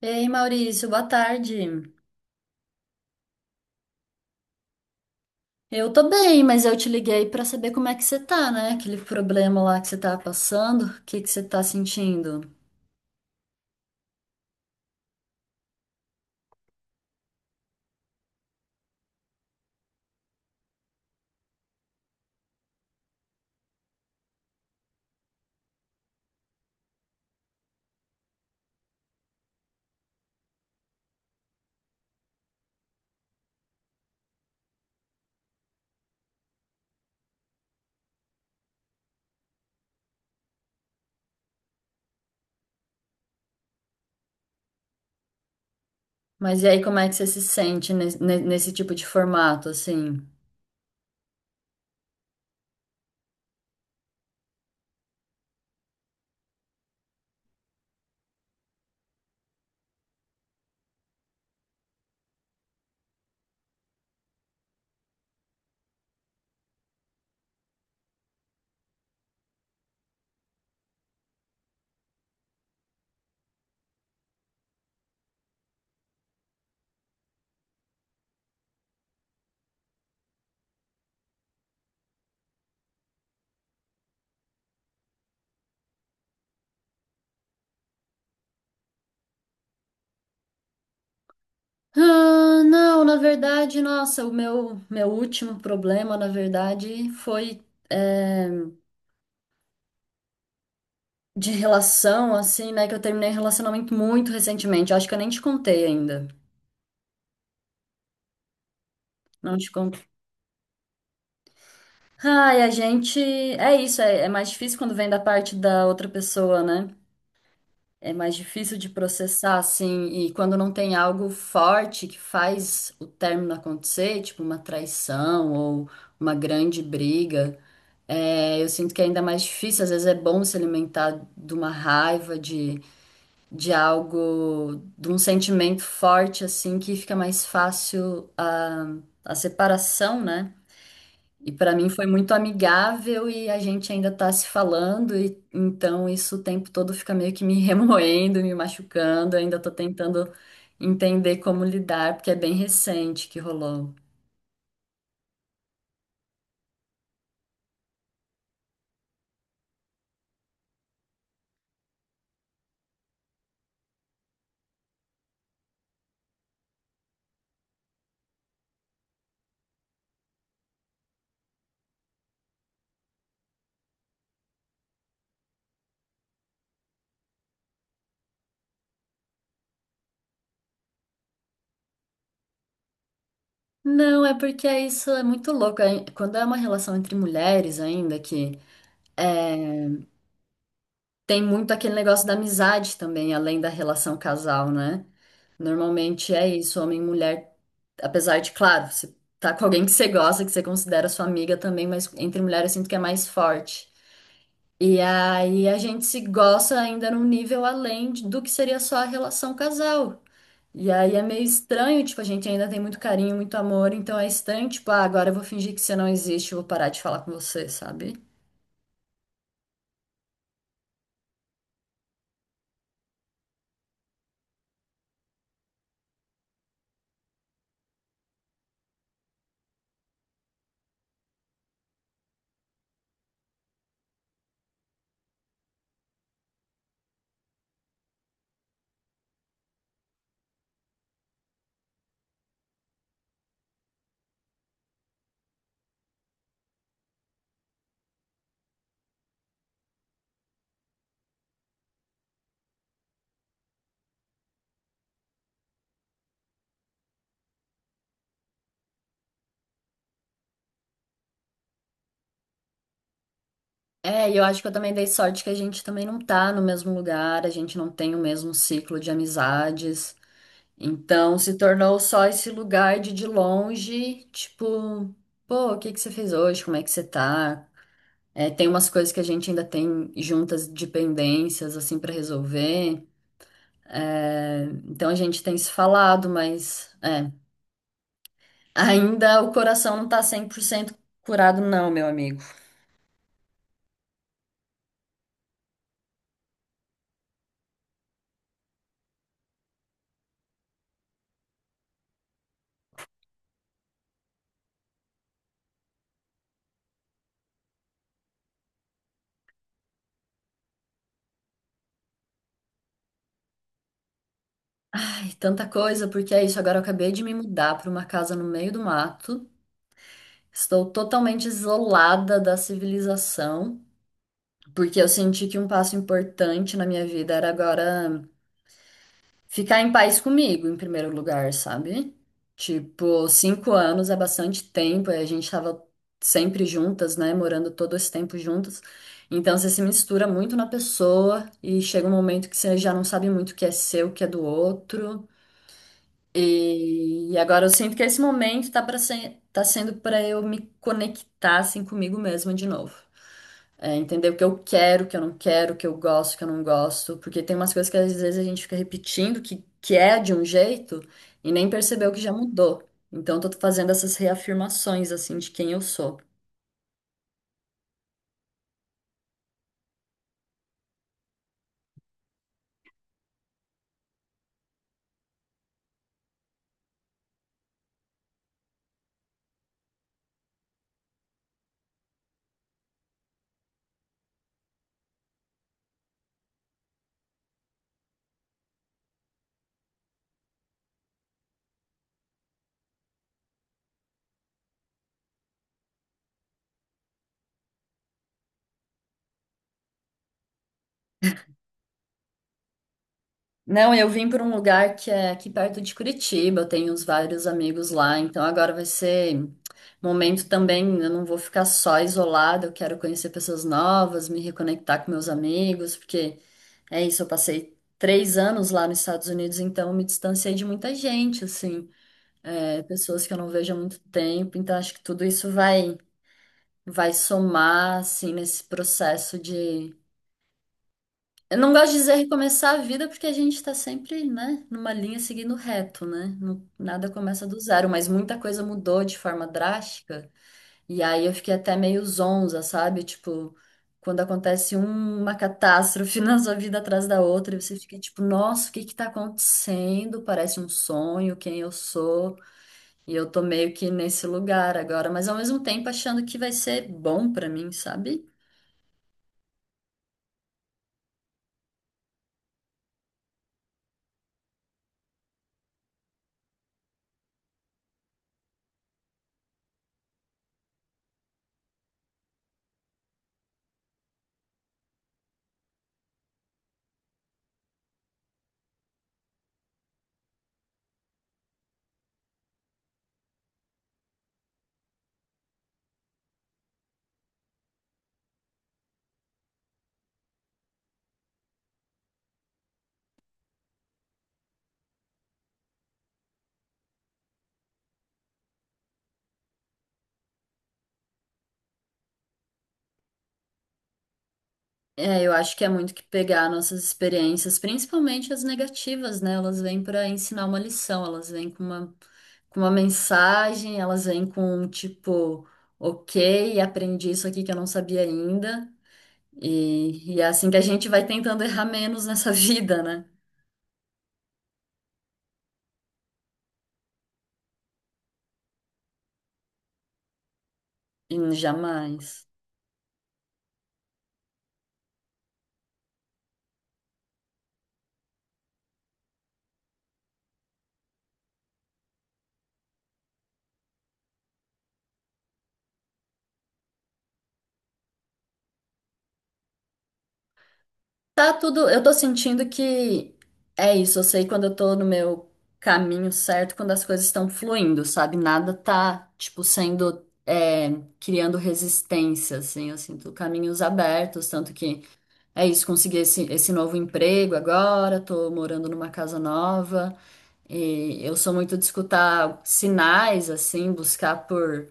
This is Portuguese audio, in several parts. Ei, Maurício, boa tarde. Eu tô bem, mas eu te liguei pra saber como é que você tá, né? Aquele problema lá que você tá passando, o que que você tá sentindo? Mas e aí, como é que você se sente nesse tipo de formato, assim? Ah, não, na verdade, nossa, o meu último problema, na verdade, foi é, de relação, assim, né? Que eu terminei um relacionamento muito recentemente. Eu acho que eu nem te contei ainda. Não te contei. Ai, a gente. É isso, é mais difícil quando vem da parte da outra pessoa, né? É mais difícil de processar, assim, e quando não tem algo forte que faz o término acontecer, tipo uma traição ou uma grande briga, eu sinto que é ainda mais difícil. Às vezes é bom se alimentar de uma raiva, de algo, de um sentimento forte, assim, que fica mais fácil a separação, né? E para mim foi muito amigável e a gente ainda tá se falando, e então isso o tempo todo fica meio que me remoendo, me machucando, eu ainda tô tentando entender como lidar, porque é bem recente que rolou. Não, é porque é isso é muito louco. Quando é uma relação entre mulheres ainda, que tem muito aquele negócio da amizade também, além da relação casal, né? Normalmente é isso, homem e mulher, apesar de, claro, você tá com alguém que você gosta, que você considera sua amiga também, mas entre mulheres eu sinto que é mais forte. E aí a gente se gosta ainda num nível do que seria só a relação casal. E aí é meio estranho, tipo, a gente ainda tem muito carinho, muito amor, então é estranho, tipo, ah, agora eu vou fingir que você não existe, eu vou parar de falar com você, sabe? É, e eu acho que eu também dei sorte que a gente também não tá no mesmo lugar, a gente não tem o mesmo ciclo de amizades. Então se tornou só esse lugar de longe, tipo, pô, o que que você fez hoje? Como é que você tá? É, tem umas coisas que a gente ainda tem juntas de pendências, assim, pra resolver. É, então a gente tem se falado, mas ainda o coração não tá 100% curado, não, meu amigo. Ai, tanta coisa, porque é isso. Agora eu acabei de me mudar pra uma casa no meio do mato. Estou totalmente isolada da civilização. Porque eu senti que um passo importante na minha vida era agora ficar em paz comigo, em primeiro lugar, sabe? Tipo, 5 anos é bastante tempo, e a gente tava sempre juntas, né? Morando todo esse tempo juntas. Então você se mistura muito na pessoa e chega um momento que você já não sabe muito o que é seu, o que é do outro. E agora eu sinto que esse momento tá sendo para eu me conectar assim comigo mesma de novo. É, entender o que eu quero, o que eu não quero, o que eu gosto, o que eu não gosto, porque tem umas coisas que às vezes a gente fica repetindo que é de um jeito e nem percebeu que já mudou. Então eu tô fazendo essas reafirmações assim de quem eu sou. Não, eu vim para um lugar que é aqui perto de Curitiba, eu tenho uns vários amigos lá, então agora vai ser momento também, eu não vou ficar só isolada, eu quero conhecer pessoas novas, me reconectar com meus amigos, porque é isso, eu passei 3 anos lá nos Estados Unidos, então eu me distanciei de muita gente, assim, pessoas que eu não vejo há muito tempo, então acho que tudo isso vai somar, assim, nesse processo. Eu não gosto de dizer recomeçar a vida porque a gente está sempre, né, numa linha seguindo reto, né? Nada começa do zero, mas muita coisa mudou de forma drástica. E aí eu fiquei até meio zonza, sabe? Tipo, quando acontece uma catástrofe na sua vida atrás da outra, e você fica tipo, nossa, o que que tá acontecendo? Parece um sonho, quem eu sou? E eu tô meio que nesse lugar agora, mas ao mesmo tempo achando que vai ser bom pra mim, sabe? É, eu acho que é muito que pegar nossas experiências, principalmente as negativas, né? Elas vêm para ensinar uma lição, elas vêm com uma mensagem, elas vêm com um tipo, ok, aprendi isso aqui que eu não sabia ainda. E é assim que a gente vai tentando errar menos nessa vida, né? E jamais. Tá tudo. Eu tô sentindo que é isso. Eu sei quando eu tô no meu caminho certo, quando as coisas estão fluindo, sabe? Nada tá, tipo, criando resistência, assim. Eu sinto caminhos abertos. Tanto que é isso. Consegui esse novo emprego agora, tô morando numa casa nova. E eu sou muito de escutar sinais, assim, buscar por.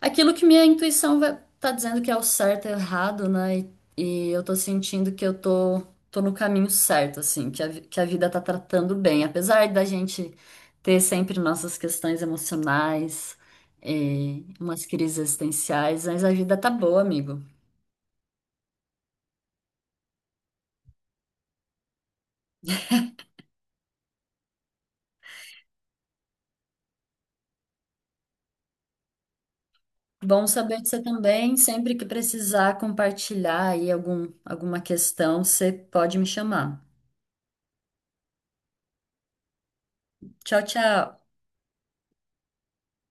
Aquilo que minha intuição tá dizendo que é o certo e errado, né? E eu tô sentindo que tô no caminho certo, assim, que que a vida tá tratando bem. Apesar da gente ter sempre nossas questões emocionais, umas crises existenciais, mas a vida tá boa, amigo. Bom saber de você também. Sempre que precisar compartilhar aí alguma questão, você pode me chamar. Tchau, tchau.